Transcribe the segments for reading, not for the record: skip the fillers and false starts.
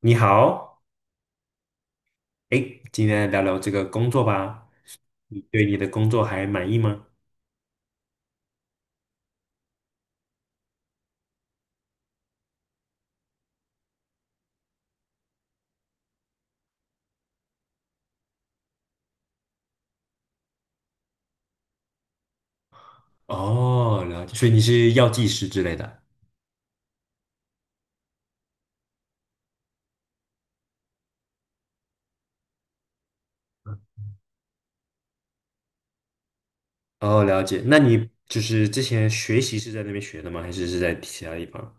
你好，哎，今天来聊聊这个工作吧。你对你的工作还满意吗？哦，了解，所以你是药剂师之类的。哦，了解。那你就是之前学习是在那边学的吗？还是是在其他地方？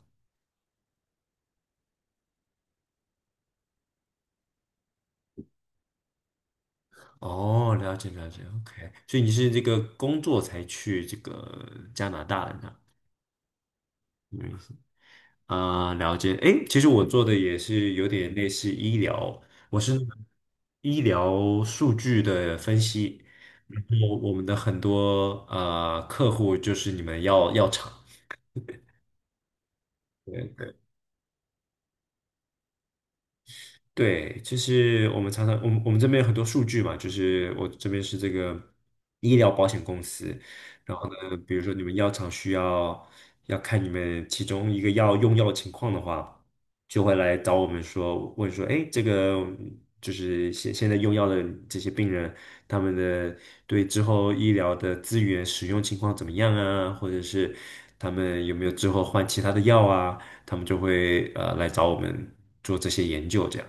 哦，了解了解，OK。所以你是这个工作才去这个加拿大的呢？啊、了解。诶，其实我做的也是有点类似医疗，我是医疗数据的分析，然后我们的很多啊客户就是你们药厂。对对。对，就是我们常常，我们我们这边有很多数据嘛，就是我这边是这个医疗保险公司，然后呢，比如说你们药厂需要要看你们其中一个药用药情况的话，就会来找我们说，问说，哎，这个就是现在用药的这些病人，他们的对之后医疗的资源使用情况怎么样啊，或者是他们有没有之后换其他的药啊，他们就会来找我们做这些研究这样。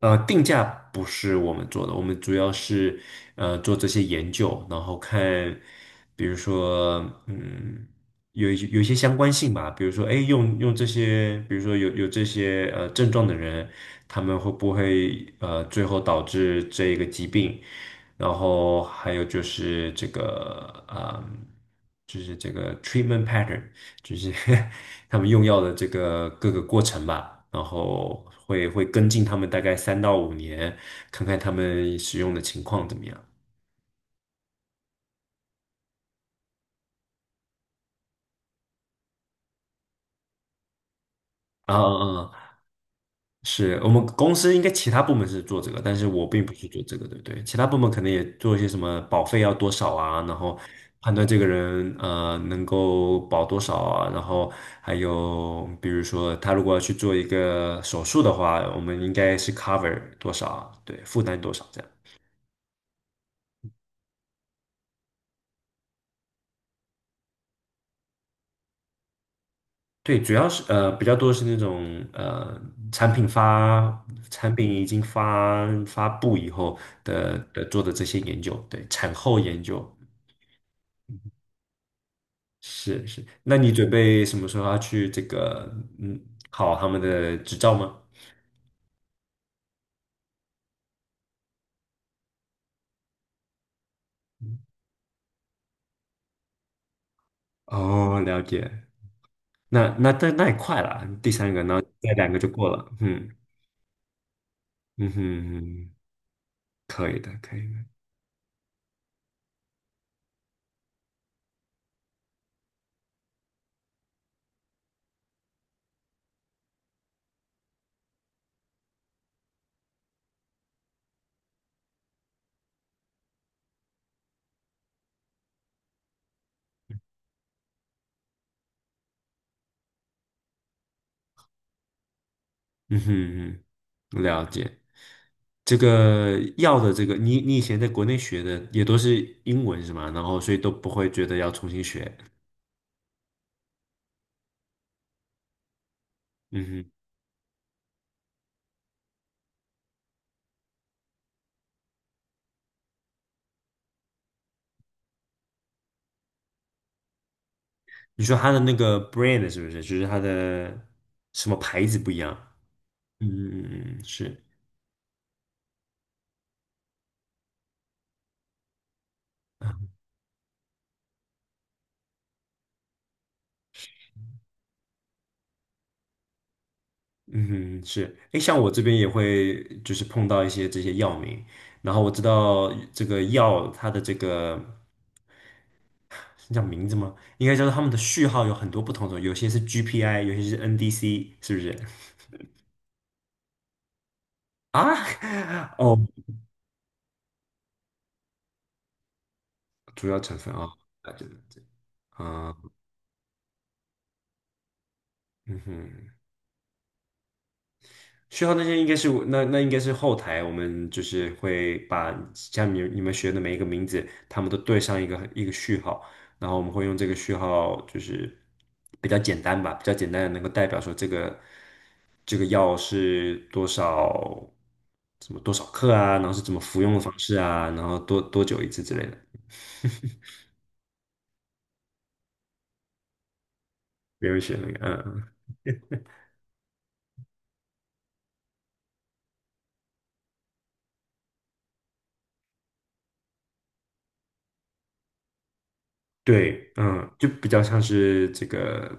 定价不是我们做的，我们主要是做这些研究，然后看，比如说，嗯，有一些相关性吧，比如说，哎，用这些，比如说有这些症状的人，他们会不会最后导致这一个疾病？然后还有就是这个，就是这个 treatment pattern。就是 他们用药的这个各个过程吧，然后会跟进他们大概3到5年，看看他们使用的情况怎么样。啊啊啊！是我们公司应该其他部门是做这个，但是我并不是做这个，对不对？其他部门可能也做一些什么保费要多少啊，然后判断这个人能够保多少啊，然后还有比如说他如果要去做一个手术的话，我们应该是 cover 多少啊，对，负担多少这样。对，主要是比较多是那种产品发产品已经发布以后的做的这些研究，对，产后研究是是。那你准备什么时候要去这个嗯考他们的执照吗？哦，了解。那也快了，第三个，然后再两个就过了。嗯嗯哼，可以的，可以。嗯哼嗯，了解。这个药的这个，你以前在国内学的也都是英文是吗？然后所以都不会觉得要重新学。嗯哼，你说它的那个 brand 是不是？就是它的什么牌子不一样？嗯嗯嗯，嗯是，嗯哼是。哎，像我这边也会就是碰到一些这些药名，然后我知道这个药它的这个是叫名字吗？应该叫做他们的序号有很多不同种，有些是 GPI，有些是 NDC，是不是？啊，哦，主要成分啊，那就啊，嗯哼，需要那些应该是那应该是后台，我们就是会把下面你们学的每一个名字，他们都对上一个一个序号，然后我们会用这个序号，就是比较简单吧，比较简单的能够代表说这个药是多少，什么多少克啊，然后是怎么服用的方式啊，然后多久一次之类的，没有学那个，嗯对，嗯，就比较像是这个，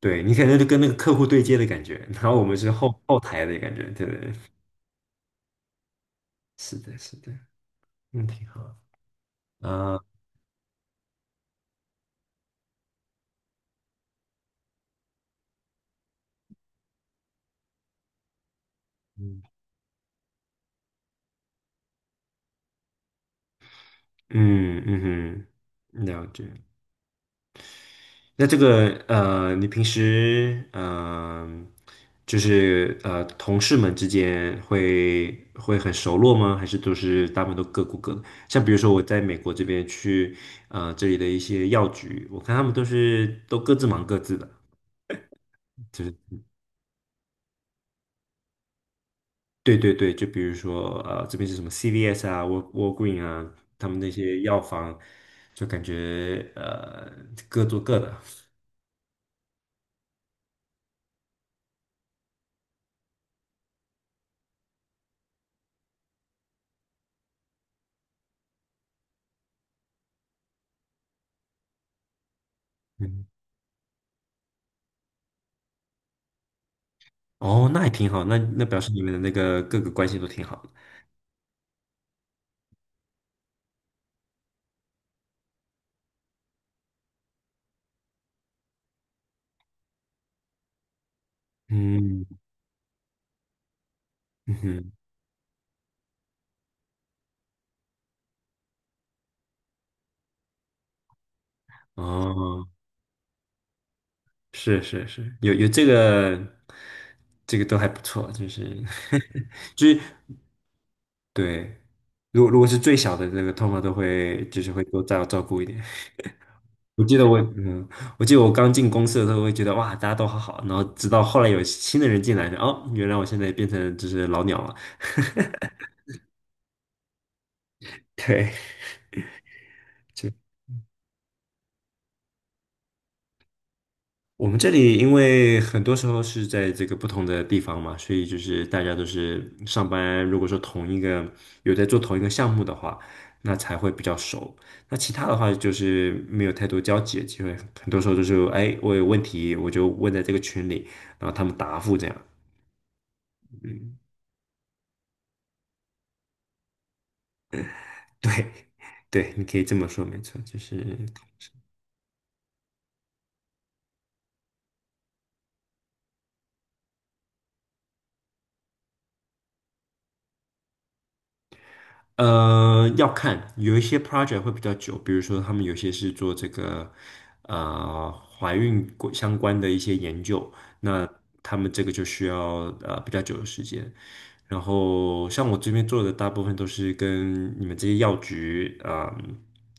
对你可能就跟那个客户对接的感觉，然后我们是后台的感觉，对对对是的，是的，嗯，挺好，啊、嗯嗯嗯哼，了解。那这个，你平时就是，同事们之间会很熟络吗？还是都是大部分都各顾各的？像比如说我在美国这边去这里的一些药局，我看他们都是都各自忙各自的。就是对对对，就比如说，这边是什么 CVS 啊、Walgreen 啊，他们那些药房，就感觉各做各的。嗯，哦，那也挺好，那表示你们的那个各个关系都挺好的。嗯嗯哼，哦，是是是，有这个，这个都还不错，就是 就是对，如果是最小的那个，通常都会就是会多照顾一点。我记得我，嗯，我记得我刚进公司的时候，我会觉得哇，大家都好好，然后直到后来有新的人进来，哦，原来我现在变成就是老鸟了。对，就我们这里，因为很多时候是在这个不同的地方嘛，所以就是大家都是上班，如果说同一个有在做同一个项目的话，那才会比较熟。那其他的话就是没有太多交集的机会，很多时候就是哎，我有问题我就问在这个群里，然后他们答复这样。嗯 对，对，你可以这么说，没错，就是，要看有一些 project 会比较久，比如说他们有些是做这个呃怀孕过相关的一些研究，那他们这个就需要比较久的时间。然后像我这边做的大部分都是跟你们这些药局啊、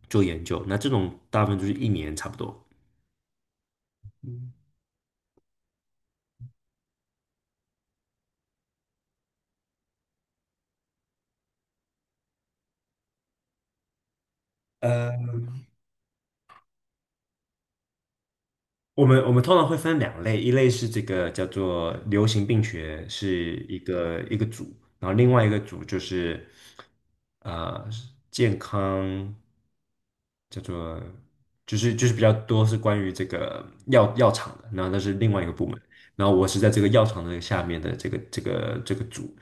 做研究，那这种大部分就是一年差不多。嗯我们通常会分两类，一类是这个叫做流行病学，是一个一个组，然后另外一个组就是呃健康，叫做就是比较多是关于这个药厂的，然后那是另外一个部门，然后我是在这个药厂的下面的这个组，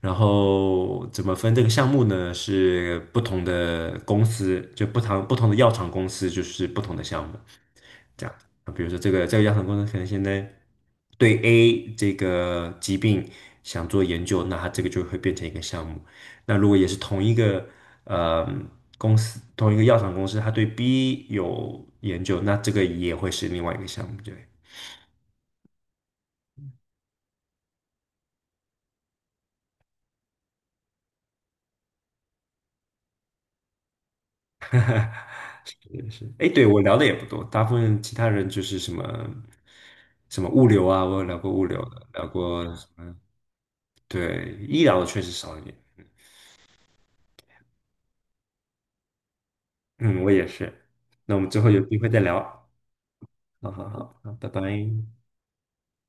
然后怎么分这个项目呢？是不同的公司，就不同的药厂公司就是不同的项目。这样啊，比如说这个药厂公司可能现在对 A 这个疾病想做研究，那它这个就会变成一个项目。那如果也是同一个呃公司，同一个药厂公司，它对 B 有研究，那这个也会是另外一个项目。对，也是。哎，对，我聊的也不多，大部分其他人就是什么什么物流啊，我有聊过物流的，聊过什么，对，医疗的确实少一点。嗯，我也是。那我们之后有机会再聊。好好好，好，拜拜。